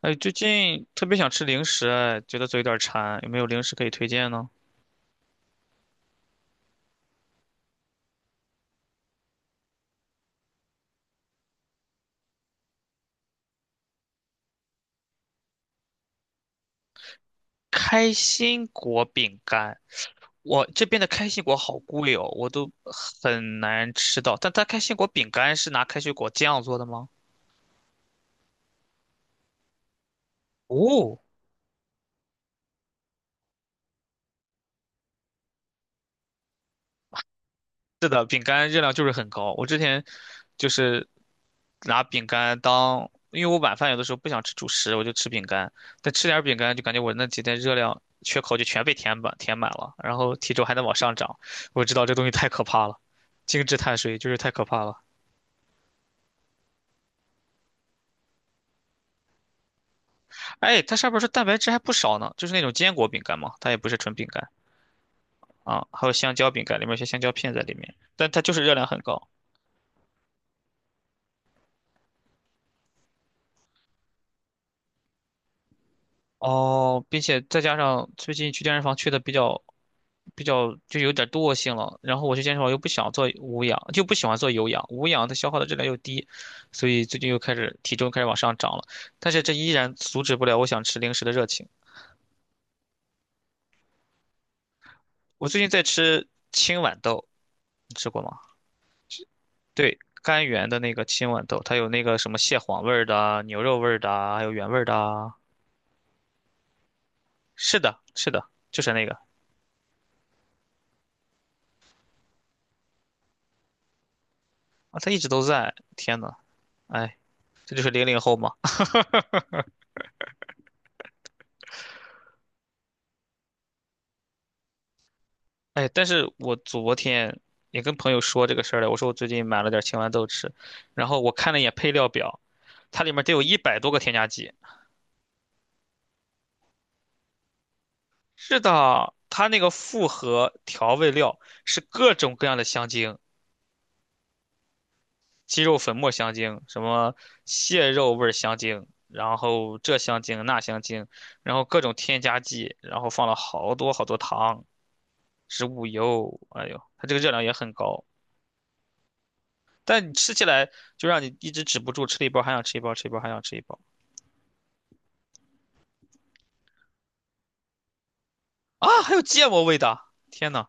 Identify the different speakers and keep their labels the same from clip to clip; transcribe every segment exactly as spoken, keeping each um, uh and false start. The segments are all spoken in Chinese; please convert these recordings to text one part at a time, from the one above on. Speaker 1: 哎，最近特别想吃零食，哎，觉得嘴有点馋，有没有零食可以推荐呢？开心果饼干，我这边的开心果好贵哦，我都很难吃到。但它开心果饼干是拿开心果酱做的吗？哦，是的，饼干热量就是很高。我之前就是拿饼干当，因为我晚饭有的时候不想吃主食，我就吃饼干。但吃点儿饼干就感觉我那几天热量缺口就全被填满填满了，然后体重还能往上涨。我知道这东西太可怕了，精致碳水就是太可怕了。哎，它上面说蛋白质还不少呢，就是那种坚果饼干嘛，它也不是纯饼干啊，还有香蕉饼干，里面有些香蕉片在里面，但它就是热量很高。哦，并且再加上最近去健身房去的比较比较就有点惰性了，然后我去健身房又不想做无氧，就不喜欢做有氧，无氧它消耗的热量又低，所以最近又开始体重开始往上涨了，但是这依然阻止不了我想吃零食的热情。我最近在吃青豌豆，你吃过吗？对，甘源的那个青豌豆，它有那个什么蟹黄味儿的啊牛肉味儿的啊还有原味儿的啊是的，是的，就是那个啊，它一直都在。天呐，哎，这就是零零后嘛。哎，但是我昨天也跟朋友说这个事儿了，我说我最近买了点青豌豆吃，然后我看了一眼配料表，它里面得有一百多个添加剂。是的，它那个复合调味料是各种各样的香精，鸡肉粉末香精，什么蟹肉味儿香精，然后这香精那香精，然后各种添加剂，然后放了好多好多糖、植物油，哎呦，它这个热量也很高。但你吃起来就让你一直止不住，吃了一包还想吃一包，吃一包还想吃一包啊！还有芥末味的，天呐，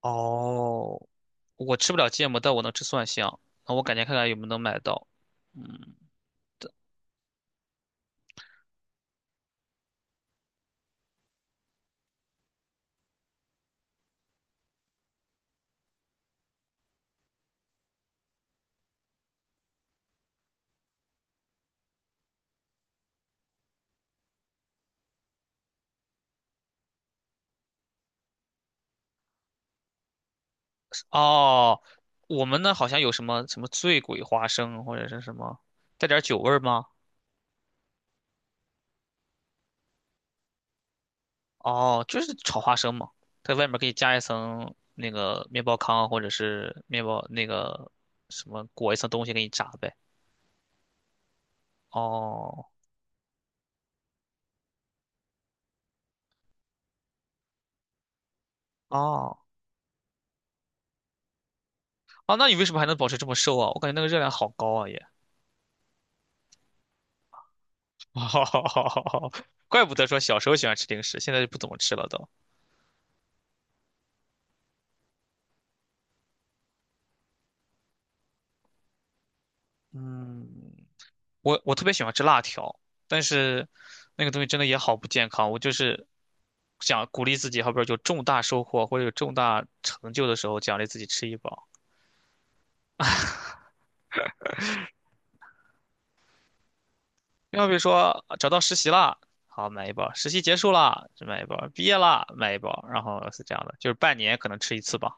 Speaker 1: 哦，我吃不了芥末，但我能吃蒜香。那我感觉看看有没有能买到。嗯。哦，我们那好像有什么什么醉鬼花生或者是什么，带点酒味儿吗？哦，就是炒花生嘛，在外面可以加一层那个面包糠或者是面包那个什么裹一层东西给你炸呗。哦。哦。啊，那你为什么还能保持这么瘦啊？我感觉那个热量好高啊也，好好好好好，怪不得说小时候喜欢吃零食，现在就不怎么吃了都。嗯，我我特别喜欢吃辣条，但是那个东西真的也好不健康。我就是想鼓励自己，好比说有重大收获或者有重大成就的时候，奖励自己吃一包。要比如说啊找到实习啦，好买一包；实习结束啦，就买一包；毕业啦，买一包。然后是这样的，就是半年可能吃一次吧。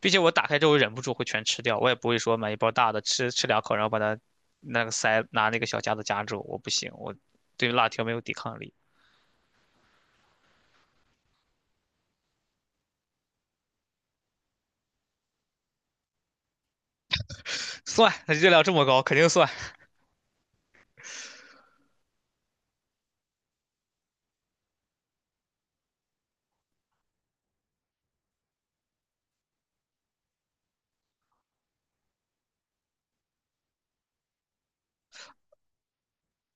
Speaker 1: 并且我打开之后忍不住会全吃掉，我也不会说买一包大的吃吃两口，然后把它那个塞拿那个小夹子夹住，我不行，我对辣条没有抵抗力。算，它热量这么高，肯定算。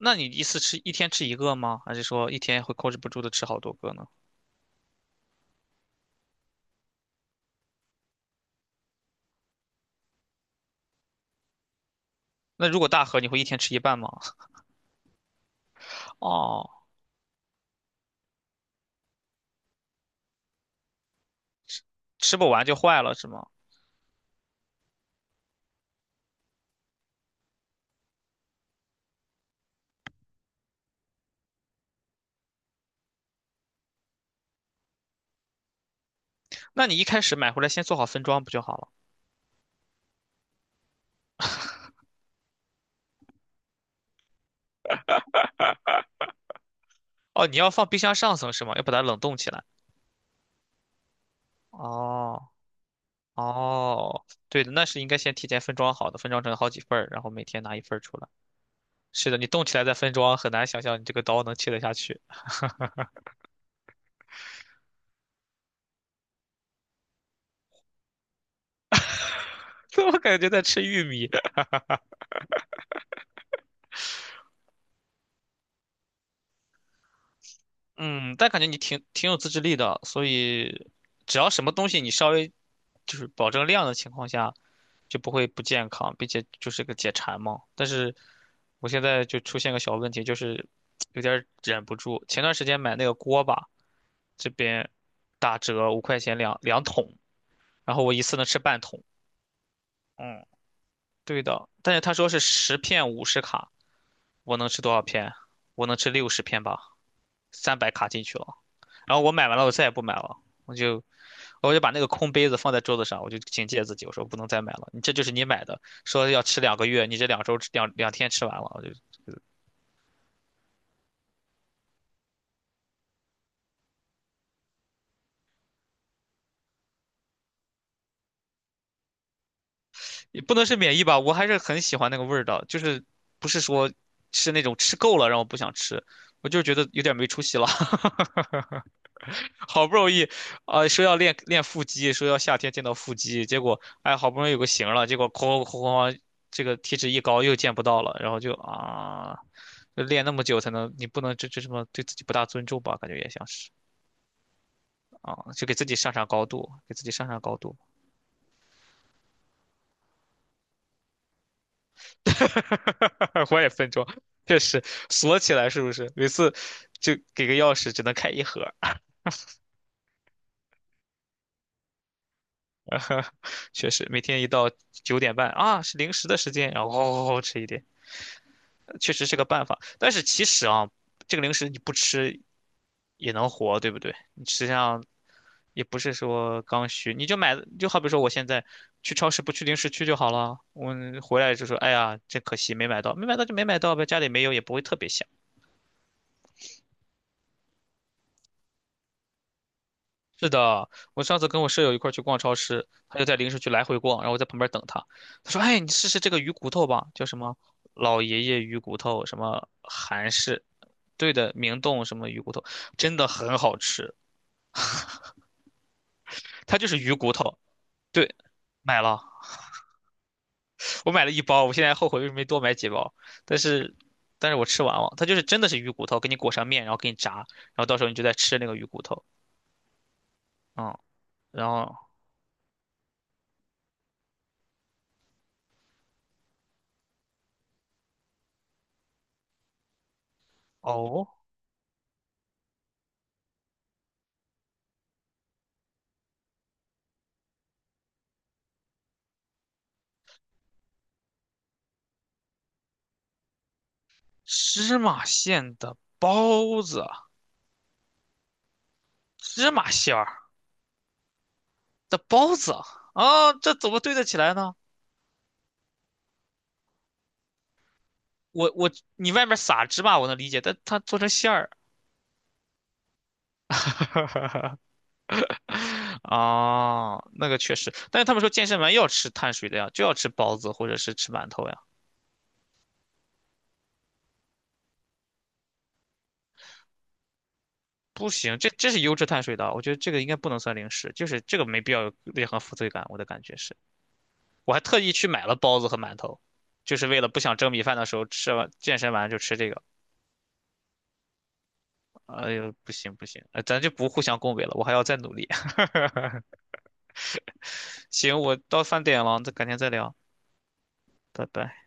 Speaker 1: 那你一次吃一天吃一个吗？还是说一天会控制不住的吃好多个呢？那如果大盒，你会一天吃一半吗？哦，吃不完就坏了是吗？那你一开始买回来先做好分装不就好了？哦，你要放冰箱上层是吗？要把它冷冻起来。哦，哦，对的，那是应该先提前分装好的，分装成好几份儿，然后每天拿一份儿出来。是的，你动起来再分装，很难想象你这个刀能切得下去。我感觉在吃玉米。嗯，但感觉你挺挺有自制力的，所以只要什么东西你稍微就是保证量的情况下，就不会不健康，并且就是个解馋嘛。但是我现在就出现个小问题，就是有点儿忍不住。前段时间买那个锅巴，这边打折五块钱两两桶，然后我一次能吃半桶。嗯，对的，但是他说是十片五十卡，我能吃多少片？我能吃六十片吧，三百卡进去了。然后我买完了，我再也不买了，我就我就把那个空杯子放在桌子上，我就警戒自己，我说不能再买了。你这就是你买的，说要吃两个月，你这两周两两天吃完了，我就也不能是免疫吧，我还是很喜欢那个味儿的，就是不是说吃那种吃够了让我不想吃，我就是觉得有点没出息了。好不容易，啊、说要练练腹肌，说要夏天见到腹肌，结果哎，好不容易有个型儿了，结果哐哐哐哐，这个体脂一高又见不到了，然后就啊，就练那么久才能，你不能这这什么对自己不大尊重吧？感觉也像是啊，就给自己上上高度，给自己上上高度。我也分装，确实锁起来是不是？每次就给个钥匙只能开一盒儿，确实每天一到九点半啊是零食的时间，然后、哦、哦哦吃一点。确实是个办法。但是其实啊，这个零食你不吃也能活，对不对？你实际上也不是说刚需，你就买，就好比说我现在去超市不去零食区就好了。我回来就说，哎呀，真可惜没买到，没买到就没买到呗，家里没有也不会特别想。是的，我上次跟我舍友一块儿去逛超市，他就在零食区来回逛，然后我在旁边等他。他说：“哎，你试试这个鱼骨头吧，叫什么老爷爷鱼骨头，什么韩式，对的，明洞什么鱼骨头，真的很好吃。它就是鱼骨头，对，买了，我买了一包，我现在后悔为什么没多买几包，但是，但是我吃完了，它就是真的是鱼骨头，给你裹上面，然后给你炸，然后到时候你就在吃那个鱼骨头，嗯，然后哦，芝麻馅的包子。”芝麻馅儿的包子啊，哦这怎么对得起来呢？我我你外面撒芝麻我能理解，但它做成馅儿，啊，那个确实，但是他们说健身完要吃碳水的呀，就要吃包子或者是吃馒头呀，不行，这这是优质碳水的，我觉得这个应该不能算零食，就是这个没必要有任何负罪感，我的感觉是，我还特意去买了包子和馒头，就是为了不想蒸米饭的时候吃完健身完就吃这个，哎呦不行不行，呃咱就不互相恭维了，我还要再努力。行，我到饭点了，再改天再聊，拜拜。